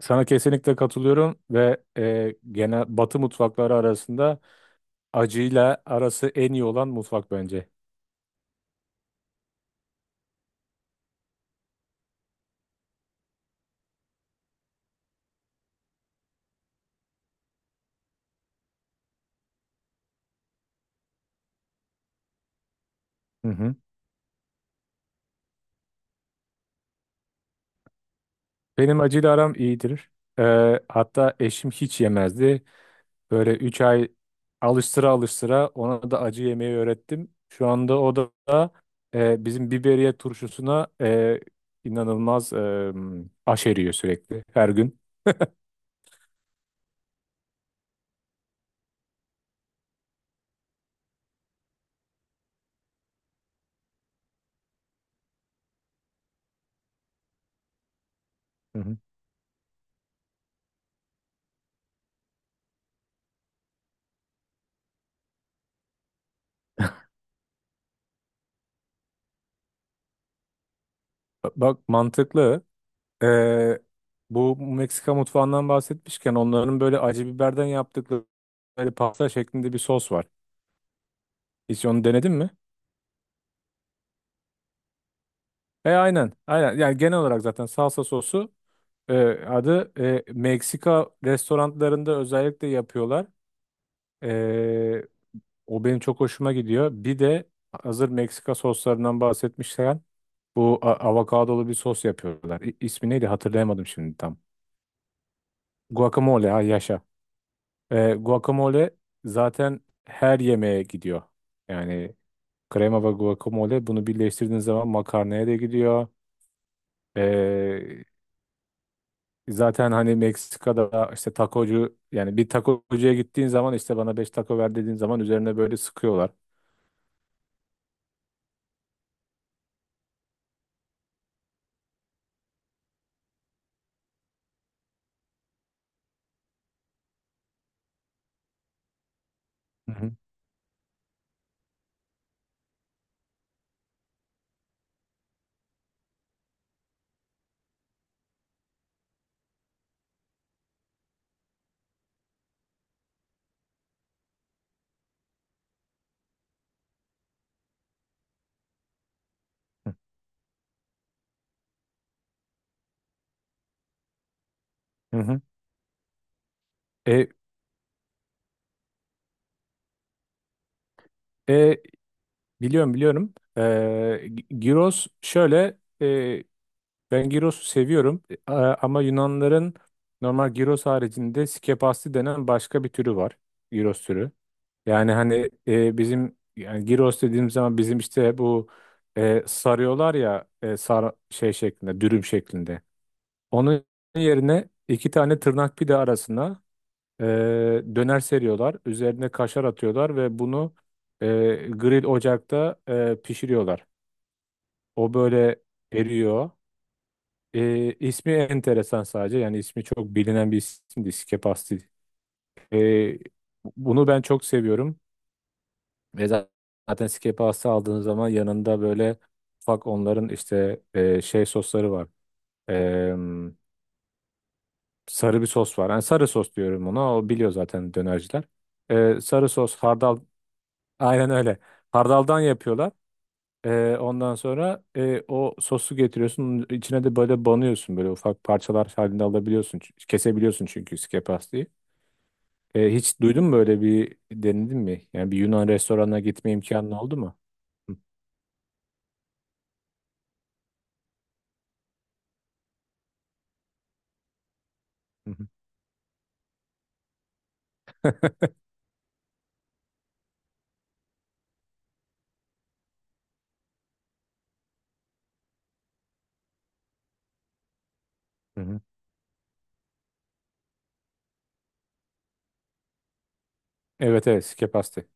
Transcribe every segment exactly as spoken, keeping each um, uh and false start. Sana kesinlikle katılıyorum ve e, genel Batı mutfakları arasında acıyla arası en iyi olan mutfak bence. Hı hı. Benim acıyla aram iyidir. E, hatta eşim hiç yemezdi. Böyle üç ay alıştıra alıştıra ona da acı yemeyi öğrettim. Şu anda o da e, bizim biberiye turşusuna e, inanılmaz e, aşeriyor sürekli her gün. Hı hı. Bak, mantıklı. Ee, bu Meksika mutfağından bahsetmişken onların böyle acı biberden yaptıkları böyle pasta şeklinde bir sos var. Hiç onu denedin mi? E aynen. Aynen. Yani genel olarak zaten salsa sosu e, adı, e, Meksika restoranlarında özellikle yapıyorlar. E, o benim çok hoşuma gidiyor. Bir de hazır Meksika soslarından bahsetmişken bu a- avokadolu bir sos yapıyorlar. İ- İsmi neydi hatırlayamadım şimdi tam. Guacamole, ha, yaşa. E, guacamole zaten her yemeğe gidiyor. Yani krema ve guacamole, bunu birleştirdiğin zaman makarnaya da gidiyor. E, zaten hani Meksika'da işte takocu, yani bir takocuya gittiğin zaman işte bana beş taco ver dediğin zaman üzerine böyle sıkıyorlar. Hı hı. Hı. Hı. E, e, biliyorum biliyorum. E, gi- gyros şöyle, e, ben Giros'u seviyorum. E, ama Yunanların normal Giros haricinde skepasti denen başka bir türü var. Giros türü. Yani hani e, bizim, yani Giros dediğimiz zaman bizim işte bu e, sarıyorlar ya, e, sar şey şeklinde, dürüm şeklinde. Onun yerine iki tane tırnak pide arasına e, döner seriyorlar. Üzerine kaşar atıyorlar ve bunu e, grill ocakta e, pişiriyorlar. O böyle eriyor. E, ismi enteresan sadece. Yani ismi çok bilinen bir isimdi. Skepasti. E, bunu ben çok seviyorum. Ve za- zaten Skepasti aldığınız zaman yanında böyle ufak onların işte e, şey sosları var. E, sarı bir sos var. Yani sarı sos diyorum ona. O biliyor zaten dönerciler. E, sarı sos, hardal. Aynen öyle. Hardaldan yapıyorlar. Ee, ondan sonra e, o sosu getiriyorsun. Onun içine de böyle banıyorsun. Böyle ufak parçalar halinde alabiliyorsun. Ç- Kesebiliyorsun çünkü iskepastayı. Ee, hiç duydun mu, böyle bir denedin mi? Yani bir Yunan restoranına gitme imkanın oldu mu? Hı hı hı. Hı. Evet, evet, iskepastı.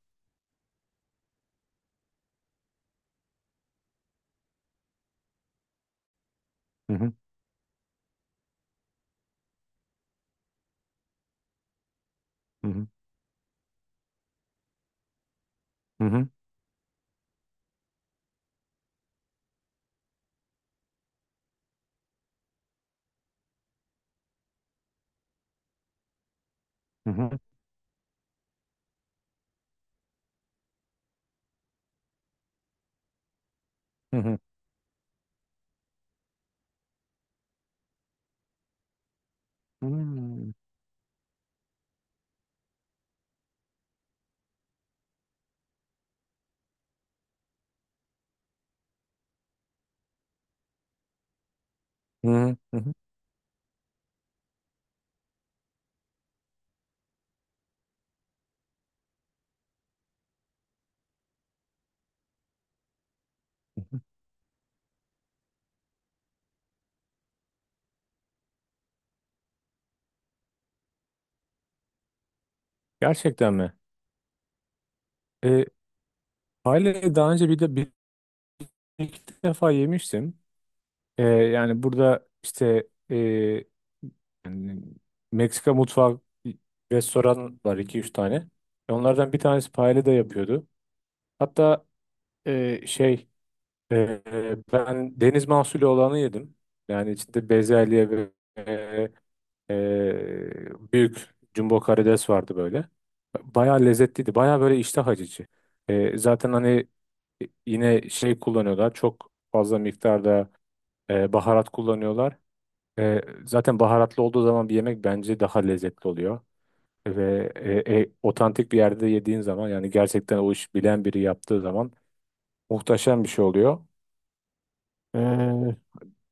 Hı hı hı hı hı hı hı hı hı. Hmm. Hı hı hı hı hı. Gerçekten mi? Ee, Hale'yi daha önce bir de bir iki defa yemiştim. Ee, yani burada işte, e, yani Meksika mutfağı restoran var iki üç tane. Onlardan bir tanesi paella da yapıyordu. Hatta, e, şey, e, ben deniz mahsulü olanı yedim. Yani içinde bezelye ve e, e, büyük jumbo karides vardı böyle. Bayağı lezzetliydi. Bayağı böyle iştah açıcı. E, zaten hani e, yine şey kullanıyorlar. Çok fazla miktarda e, baharat kullanıyorlar. E, zaten baharatlı olduğu zaman bir yemek bence daha lezzetli oluyor. Ve e, e, otantik bir yerde yediğin zaman, yani gerçekten o iş bilen biri yaptığı zaman muhteşem bir şey oluyor. E,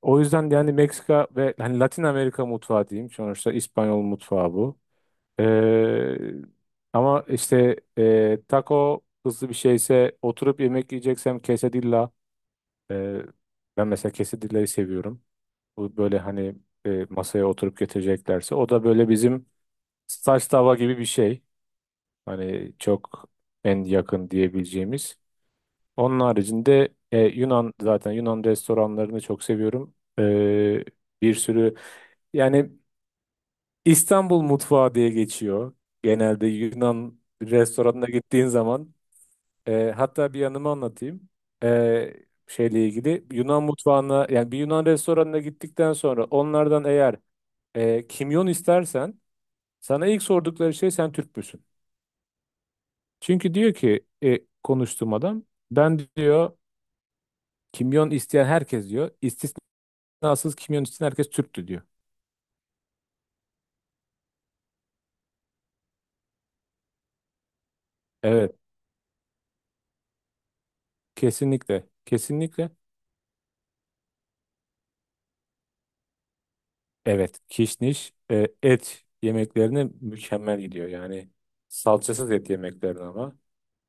o yüzden de yani Meksika ve hani Latin Amerika mutfağı diyeyim. Sonuçta İspanyol mutfağı bu. E, ama işte, e, taco hızlı bir şeyse, oturup yemek yiyeceksem quesadilla. E, ben mesela quesadillayı seviyorum. Bu böyle hani e, masaya oturup getireceklerse. O da böyle bizim saç tava gibi bir şey. Hani çok en yakın diyebileceğimiz. Onun haricinde, e, Yunan zaten Yunan restoranlarını çok seviyorum. E, bir sürü, yani İstanbul mutfağı diye geçiyor. Genelde Yunan restoranına gittiğin zaman, e, hatta bir yanımı anlatayım. E, şeyle ilgili Yunan mutfağına, yani bir Yunan restoranına gittikten sonra onlardan eğer e, kimyon istersen sana ilk sordukları şey, sen Türk müsün? Çünkü diyor ki, e, konuştuğum adam, ben diyor, kimyon isteyen herkes diyor, istisnasız kimyon isteyen herkes Türktü diyor. Evet, kesinlikle, kesinlikle. Evet, kişniş e, et yemeklerine mükemmel gidiyor yani, salçasız et yemeklerine. Ama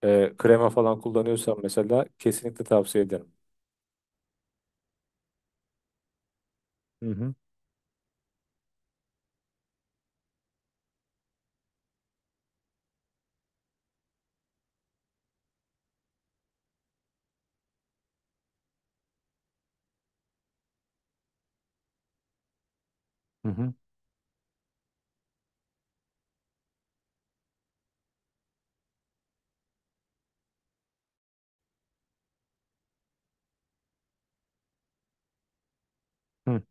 E, krema falan kullanıyorsan mesela kesinlikle tavsiye ederim. Hı hı hı hı. Hı.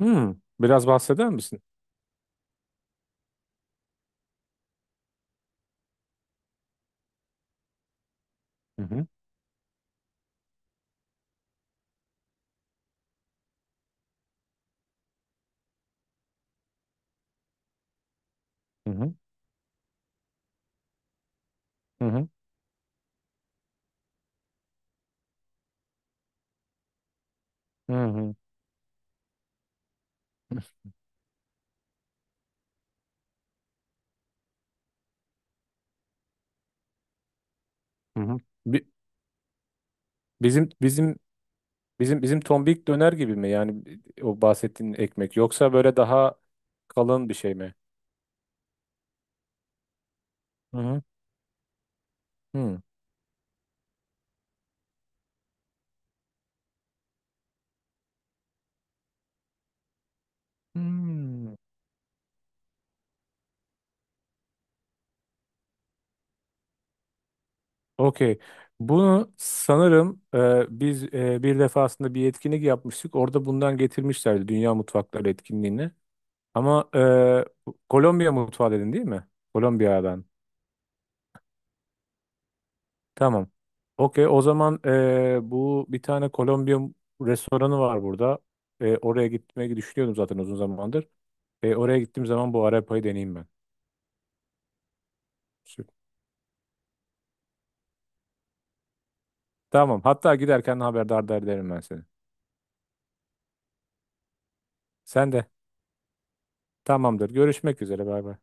Hmm, biraz bahseder misin? Hı hı hı hı hı hı hı. Hı hı. Bi- Bizim bizim Bizim bizim tombik döner gibi mi? Yani o bahsettiğin ekmek yoksa böyle daha kalın bir şey mi? Hı hı. Hı. Hmm. Okey. Bunu sanırım e, biz e, bir defasında bir etkinlik yapmıştık. Orada bundan getirmişlerdi, Dünya Mutfakları etkinliğini. Ama e, Kolombiya mutfağı dedin, değil mi? Kolombiya'dan. Tamam. Okey. O zaman eee, bu bir tane Kolombiya restoranı var burada. Eee, oraya gitmeyi düşünüyordum zaten uzun zamandır. E, oraya gittiğim zaman bu arepayı deneyeyim ben. Süper. Tamam. Hatta giderken haberdar da ederim ben seni. Sen de. Tamamdır. Görüşmek üzere. Bay bay.